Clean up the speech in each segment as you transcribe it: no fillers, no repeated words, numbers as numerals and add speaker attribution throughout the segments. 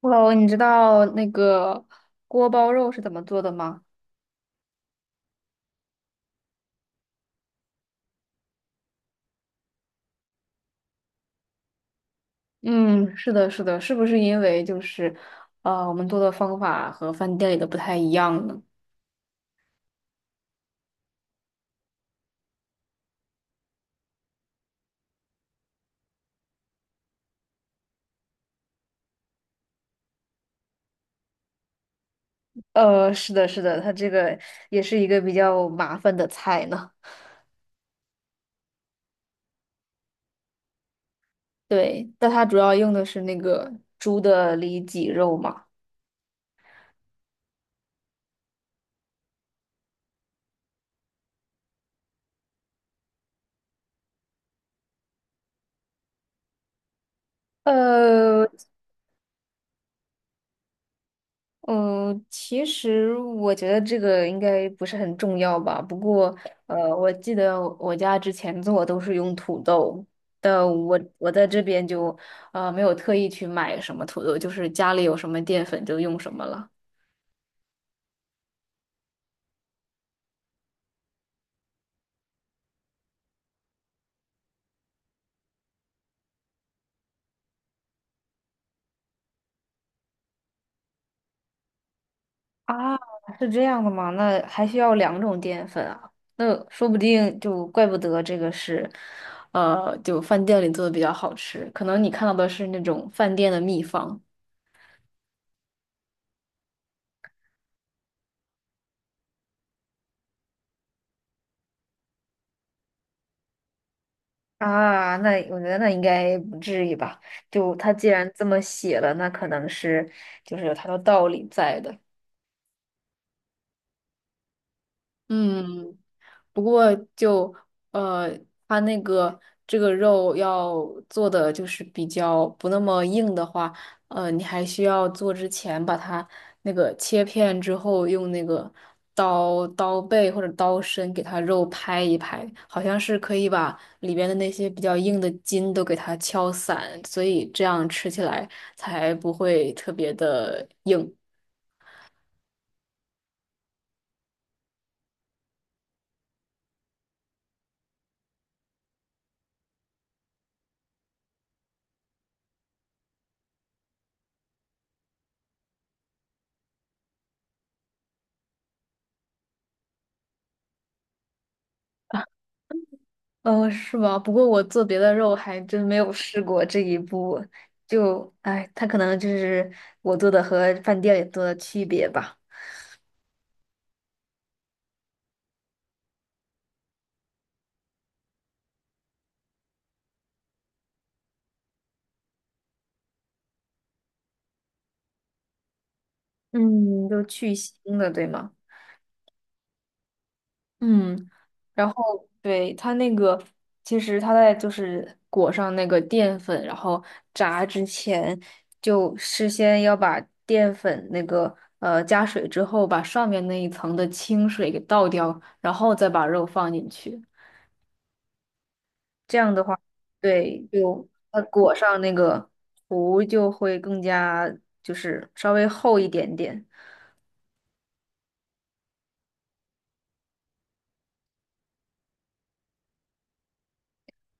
Speaker 1: Hello，你知道那个锅包肉是怎么做的吗？嗯，是的，是的，是不是因为就是，我们做的方法和饭店里的不太一样呢？呃，是的，是的，它这个也是一个比较麻烦的菜呢。对，但它主要用的是那个猪的里脊肉嘛。呃，嗯，其实我觉得这个应该不是很重要吧。不过，我记得我家之前做都是用土豆，但我在这边就没有特意去买什么土豆，就是家里有什么淀粉就用什么了。啊，是这样的吗？那还需要两种淀粉啊？那说不定就怪不得这个是，就饭店里做的比较好吃，可能你看到的是那种饭店的秘方。啊，那我觉得那应该不至于吧？就他既然这么写了，那可能是就是有他的道理在的。嗯，不过就呃，它那个这个肉要做的就是比较不那么硬的话，你还需要做之前把它那个切片之后，用那个刀背或者刀身给它肉拍一拍，好像是可以把里边的那些比较硬的筋都给它敲散，所以这样吃起来才不会特别的硬。哦，是吗？不过我做别的肉还真没有试过这一步，就，哎，它可能就是我做的和饭店里做的区别吧。嗯，就蒸的，对吗？嗯，然后对它那个，其实它在就是裹上那个淀粉，然后炸之前，就事先要把淀粉那个加水之后，把上面那一层的清水给倒掉，然后再把肉放进去。这样的话，对，就它裹上那个糊就会更加就是稍微厚一点点。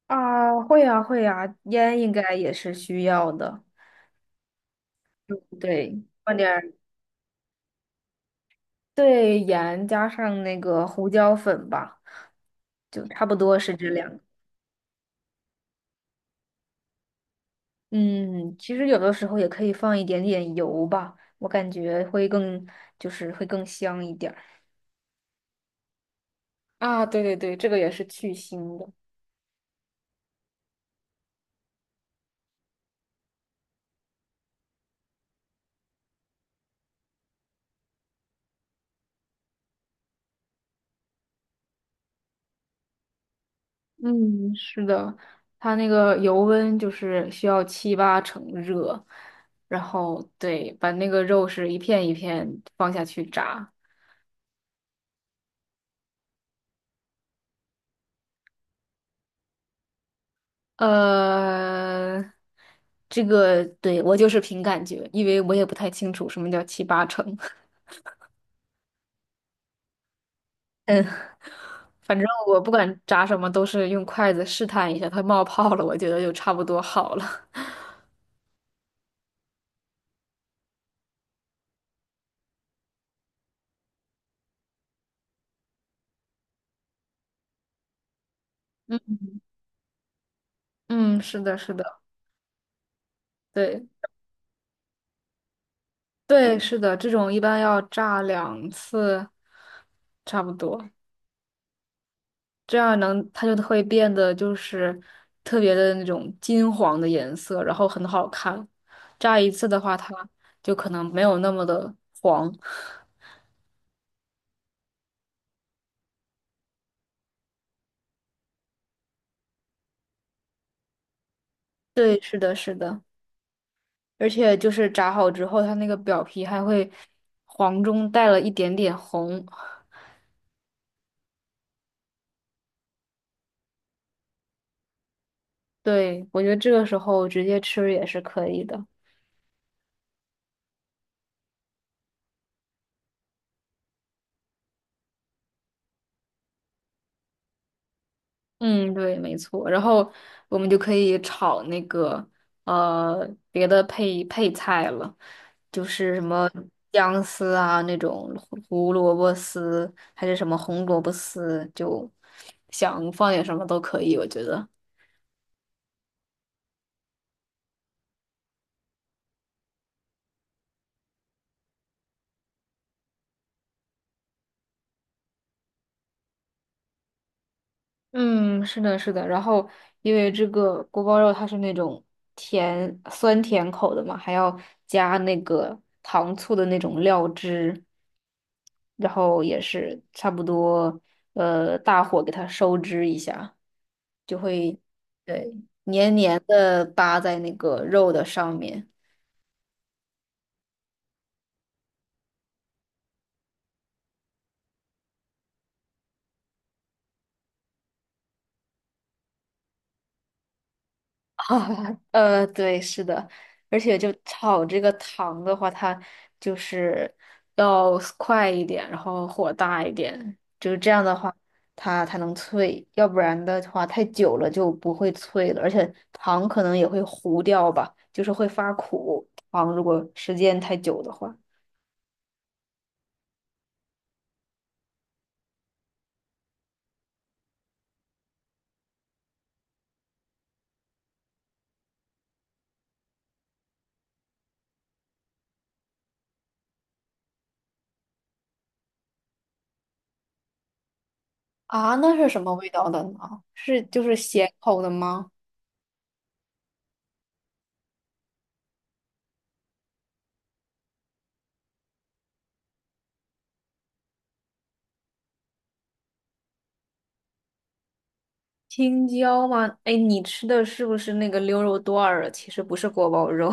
Speaker 1: 啊，会呀，会呀，烟应该也是需要的。对，放点儿，对，盐加上那个胡椒粉吧，就差不多是这两个嗯，其实有的时候也可以放一点点油吧，我感觉会更，就是会更香一点儿。啊，对对对，这个也是去腥的。嗯，是的，它那个油温就是需要七八成热，然后对，把那个肉是一片一片放下去炸。呃，这个对我就是凭感觉，因为我也不太清楚什么叫七八成。嗯，反正我不管炸什么，都是用筷子试探一下，它冒泡了，我觉得就差不多好了。嗯嗯，是的，是的，对对，是的，这种一般要炸两次，差不多。这样能它就会变得就是特别的那种金黄的颜色，然后很好看。炸一次的话，它就可能没有那么的黄。对，是的，是的，而且就是炸好之后，它那个表皮还会黄中带了一点点红。对，我觉得这个时候直接吃也是可以的。嗯，对，没错。然后我们就可以炒那个呃别的配菜了，就是什么姜丝啊那种胡萝卜丝，还是什么红萝卜丝，就想放点什么都可以，我觉得。嗯，是的，是的。然后因为这个锅包肉它是那种甜酸甜口的嘛，还要加那个糖醋的那种料汁。然后也是差不多，大火给它收汁一下，就会对黏黏的搭在那个肉的上面。啊，对，是的，而且就炒这个糖的话，它就是要快一点，然后火大一点，就是这样的话，它才能脆，要不然的话太久了就不会脆了，而且糖可能也会糊掉吧，就是会发苦。糖如果时间太久的话，啊，那是什么味道的呢？是就是咸口的吗？青椒吗？哎，你吃的是不是那个溜肉段儿啊？其实不是锅包肉。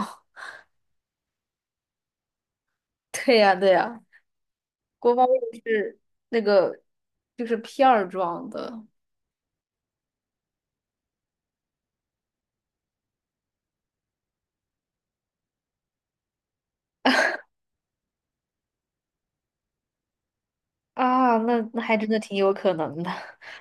Speaker 1: 对呀，对呀，锅包肉是那个就是片儿装的啊，那那还真的挺有可能的，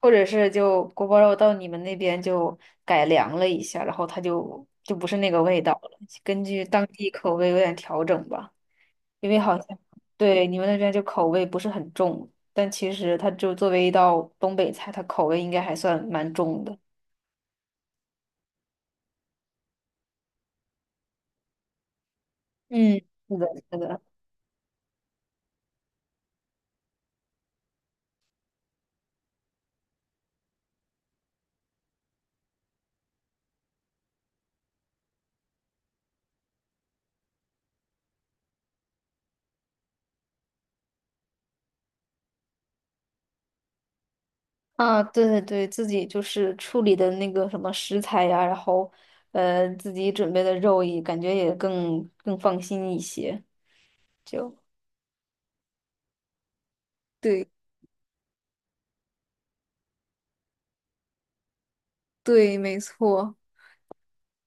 Speaker 1: 或者是就锅包肉到你们那边就改良了一下，然后它就不是那个味道了，根据当地口味有点调整吧，因为好像对你们那边就口味不是很重，但其实它就作为一道东北菜，它口味应该还算蛮重的。嗯，是的，是的。啊，对对对，自己就是处理的那个什么食材呀，然后自己准备的肉也感觉也更放心一些，就对对，没错。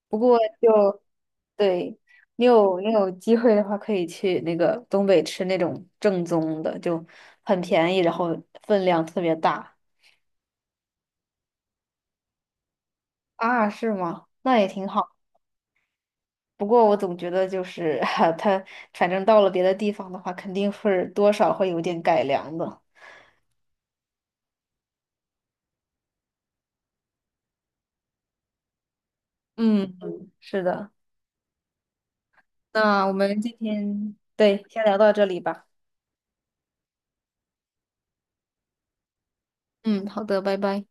Speaker 1: 不过就对你有机会的话，可以去那个东北吃那种正宗的，就很便宜，然后分量特别大啊，是吗？那也挺好。不过我总觉得就是 它，反正到了别的地方的话，肯定会多少会有点改良的。嗯嗯，是的。那我们今天，对，先聊到这里吧。嗯，好的，拜拜。